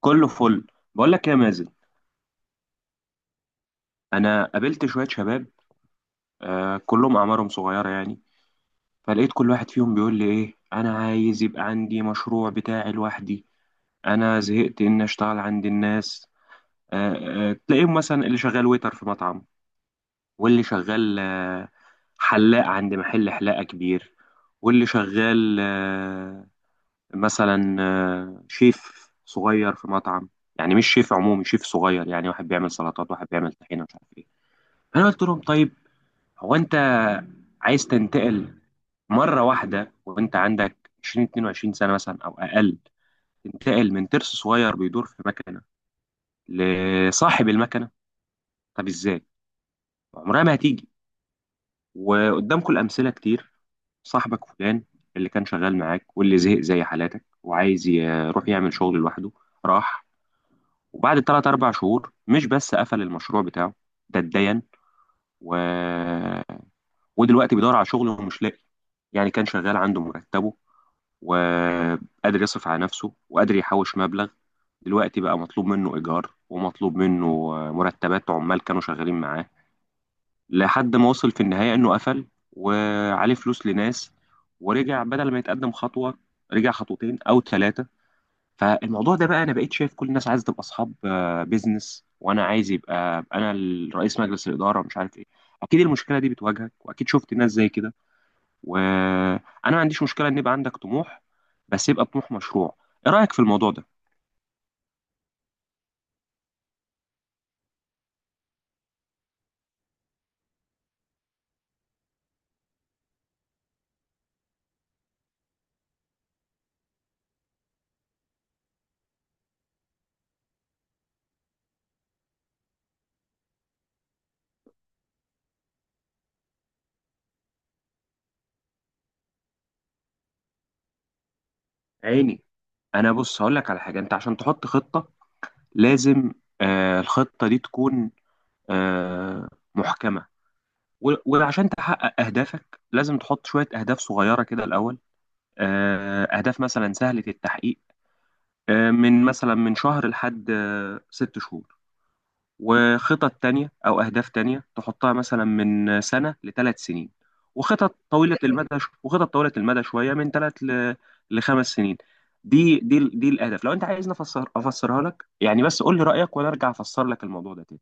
كله فل. بقول لك إيه يا مازن؟ انا قابلت شويه شباب، كلهم اعمارهم صغيره يعني. فلقيت كل واحد فيهم بيقول لي ايه، انا عايز يبقى عندي مشروع بتاعي لوحدي. انا زهقت ان اشتغل عند الناس. تلاقيهم مثلا اللي شغال ويتر في مطعم، واللي شغال حلاق عند محل حلاقه كبير، واللي شغال مثلا شيف صغير في مطعم. يعني مش شيف عمومي، شيف صغير، يعني واحد بيعمل سلطات، واحد بيعمل طحينه، مش عارف ايه. انا قلت لهم طيب، هو انت عايز تنتقل مره واحده وانت عندك 20 22 سنه مثلا او اقل، تنتقل من ترس صغير بيدور في مكنه لصاحب المكنه؟ طب ازاي؟ عمرها ما هتيجي. وقدامكم الامثله كتير. صاحبك فلان اللي كان شغال معاك واللي زهق زي حالاتك وعايز يروح يعمل شغل لوحده، راح وبعد 3 4 شهور مش بس قفل المشروع بتاعه، ده اتدين و... ودلوقتي بيدور على شغل ومش لاقي. يعني كان شغال عنده مرتبه، وقادر يصرف على نفسه، وقادر يحوش مبلغ. دلوقتي بقى مطلوب منه إيجار، ومطلوب منه مرتبات عمال كانوا شغالين معاه، لحد ما وصل في النهاية إنه قفل وعليه فلوس لناس، ورجع بدل ما يتقدم خطوة رجع خطوتين أو ثلاثة. فالموضوع ده بقى، أنا بقيت شايف كل الناس عايزة تبقى أصحاب بيزنس، وأنا عايز يبقى أنا رئيس مجلس الإدارة مش عارف إيه. أكيد المشكلة دي بتواجهك وأكيد شفت ناس زي كده. وانا ما عنديش مشكله ان يبقى عندك طموح، بس يبقى طموح مشروع. ايه رايك في الموضوع ده؟ عيني انا. بص هقول لك على حاجه. انت عشان تحط خطه لازم الخطه دي تكون آه محكمه. و- وعشان تحقق اهدافك لازم تحط شويه اهداف صغيره كده الاول، اهداف مثلا سهله التحقيق، من مثلا من شهر لحد ست شهور. وخطط تانية أو أهداف تانية تحطها مثلا من سنة لثلاث سنين. وخطط طويلة المدى. وخطط طويلة المدى شوية من ثلاث لخمس سنين. دي الأهداف، لو أنت عايزني أفسرها لك يعني، بس قول لي رأيك وأنا أرجع أفسر لك الموضوع ده تاني.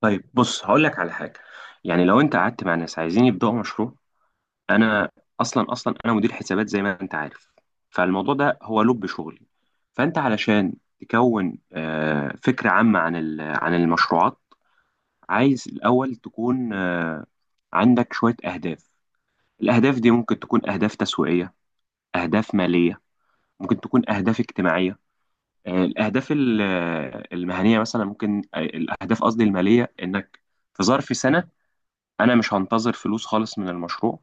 طيب بص هقول لك على حاجة، يعني لو أنت قعدت مع ناس عايزين يبدأوا مشروع. أنا أصلا، أصلا أنا مدير حسابات زي ما أنت عارف، فالموضوع ده هو لب شغلي. فأنت علشان تكون فكرة عامة عن المشروعات، عايز الأول تكون عندك شوية أهداف. الأهداف دي ممكن تكون أهداف تسويقية، أهداف مالية، ممكن تكون أهداف اجتماعية. الأهداف المهنية مثلا، ممكن الأهداف قصدي المالية، إنك في ظرف سنة أنا مش هنتظر فلوس خالص من المشروع،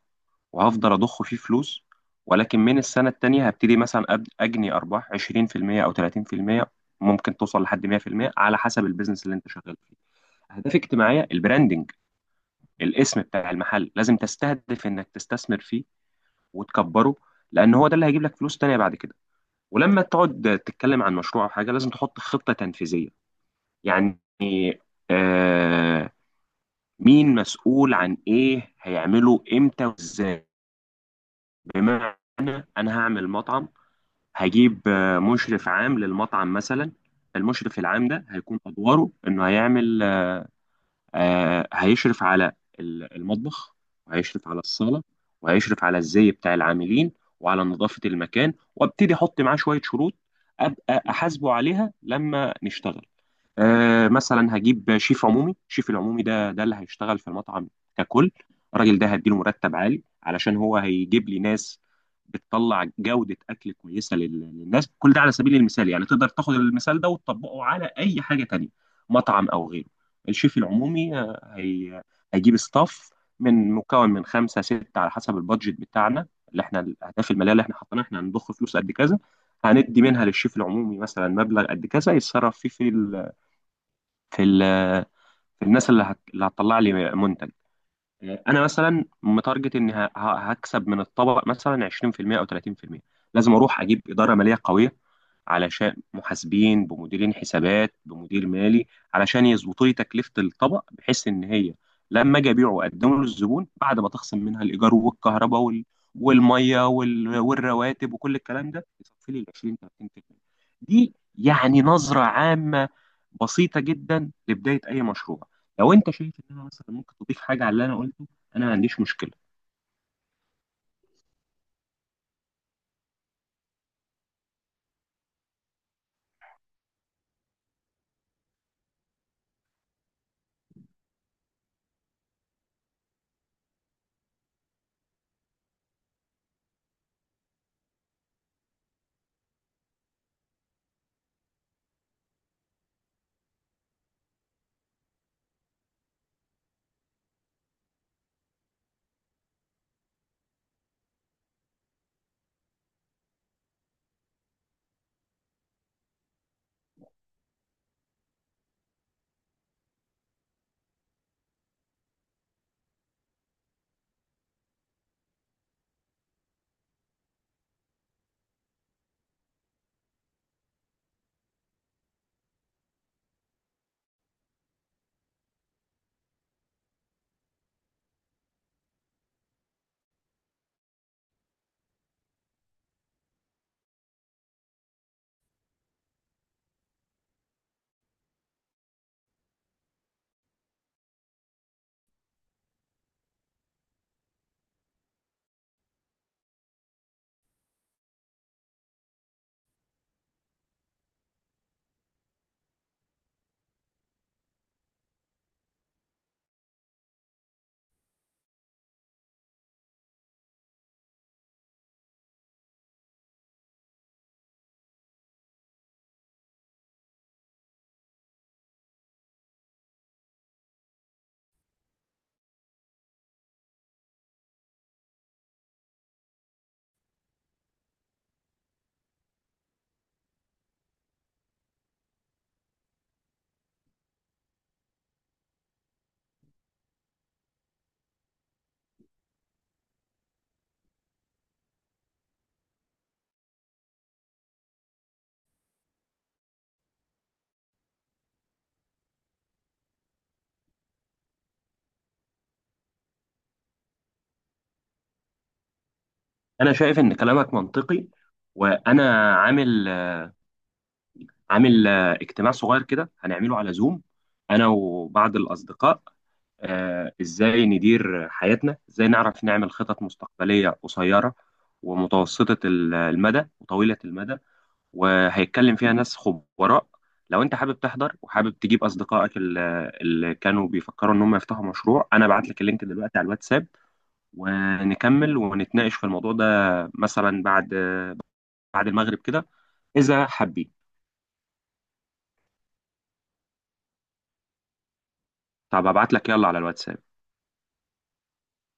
وهفضل أضخ فيه فلوس، ولكن من السنة التانية هبتدي مثلا أجني أرباح 20% أو 30%، ممكن توصل لحد 100% على حسب البيزنس اللي أنت شغال فيه. أهداف اجتماعية، البراندنج، الاسم بتاع المحل لازم تستهدف انك تستثمر فيه وتكبره، لان هو ده اللي هيجيب لك فلوس تانية بعد كده. ولما تقعد تتكلم عن مشروع او حاجه لازم تحط خطه تنفيذيه. يعني آه مين مسؤول عن ايه، هيعمله امتى وازاي. بمعنى انا هعمل مطعم، هجيب مشرف عام للمطعم مثلا. المشرف العام ده هيكون ادواره انه هيعمل، هيشرف على المطبخ، وهيشرف على الصالة، وهيشرف على الزي بتاع العاملين، وعلى نظافة المكان، وابتدي احط معاه شوية شروط ابقى احاسبه عليها لما نشتغل. مثلا هجيب شيف عمومي. شيف العمومي ده اللي هيشتغل في المطعم ككل. الراجل ده هديله مرتب عالي علشان هو هيجيب لي ناس بتطلع جودة أكل كويسة للناس. كل ده على سبيل المثال يعني، تقدر تاخد المثال ده وتطبقه على أي حاجة تانية، مطعم أو غيره. الشيف العمومي آه، هي هيجيب ستاف مكون من خمسة ستة على حسب البادجت بتاعنا، اللي احنا الأهداف المالية اللي احنا حاطينها احنا هنضخ فلوس قد كذا، هندي منها للشيف العمومي مثلا مبلغ قد كذا يتصرف فيه في في ال- في الناس اللي هتطلع لي منتج. انا مثلا متارجت اني هكسب من الطبق مثلا 20% او 30%. لازم اروح اجيب اداره ماليه قويه، علشان محاسبين بمديرين حسابات بمدير مالي، علشان يظبطوا لي تكلفة الطبق بحيث إن هي لما أجي أبيعه وأقدمه للزبون بعد ما تخصم منها الإيجار والكهرباء والمية والرواتب وكل الكلام ده يصفي لي ال 20 30%. دي يعني نظرة عامة بسيطة جدا لبداية أي مشروع. لو أنت شايف إن أنا مثلا ممكن تضيف حاجة على اللي أنا قلته، أنا ما عنديش مشكلة. أنا شايف إن كلامك منطقي. وأنا عامل اجتماع صغير كده هنعمله على زوم، انا وبعض الاصدقاء، ازاي ندير حياتنا، ازاي نعرف نعمل خطط مستقبليه قصيره ومتوسطه المدى وطويله المدى، وهيتكلم فيها ناس خبراء. لو انت حابب تحضر وحابب تجيب اصدقائك اللي كانوا بيفكروا ان هم يفتحوا مشروع، انا ابعت لك اللينك دلوقتي على الواتساب، ونكمل ونتناقش في الموضوع ده مثلا بعد المغرب كده، اذا حابين. طب ابعت لك يلا على الواتساب.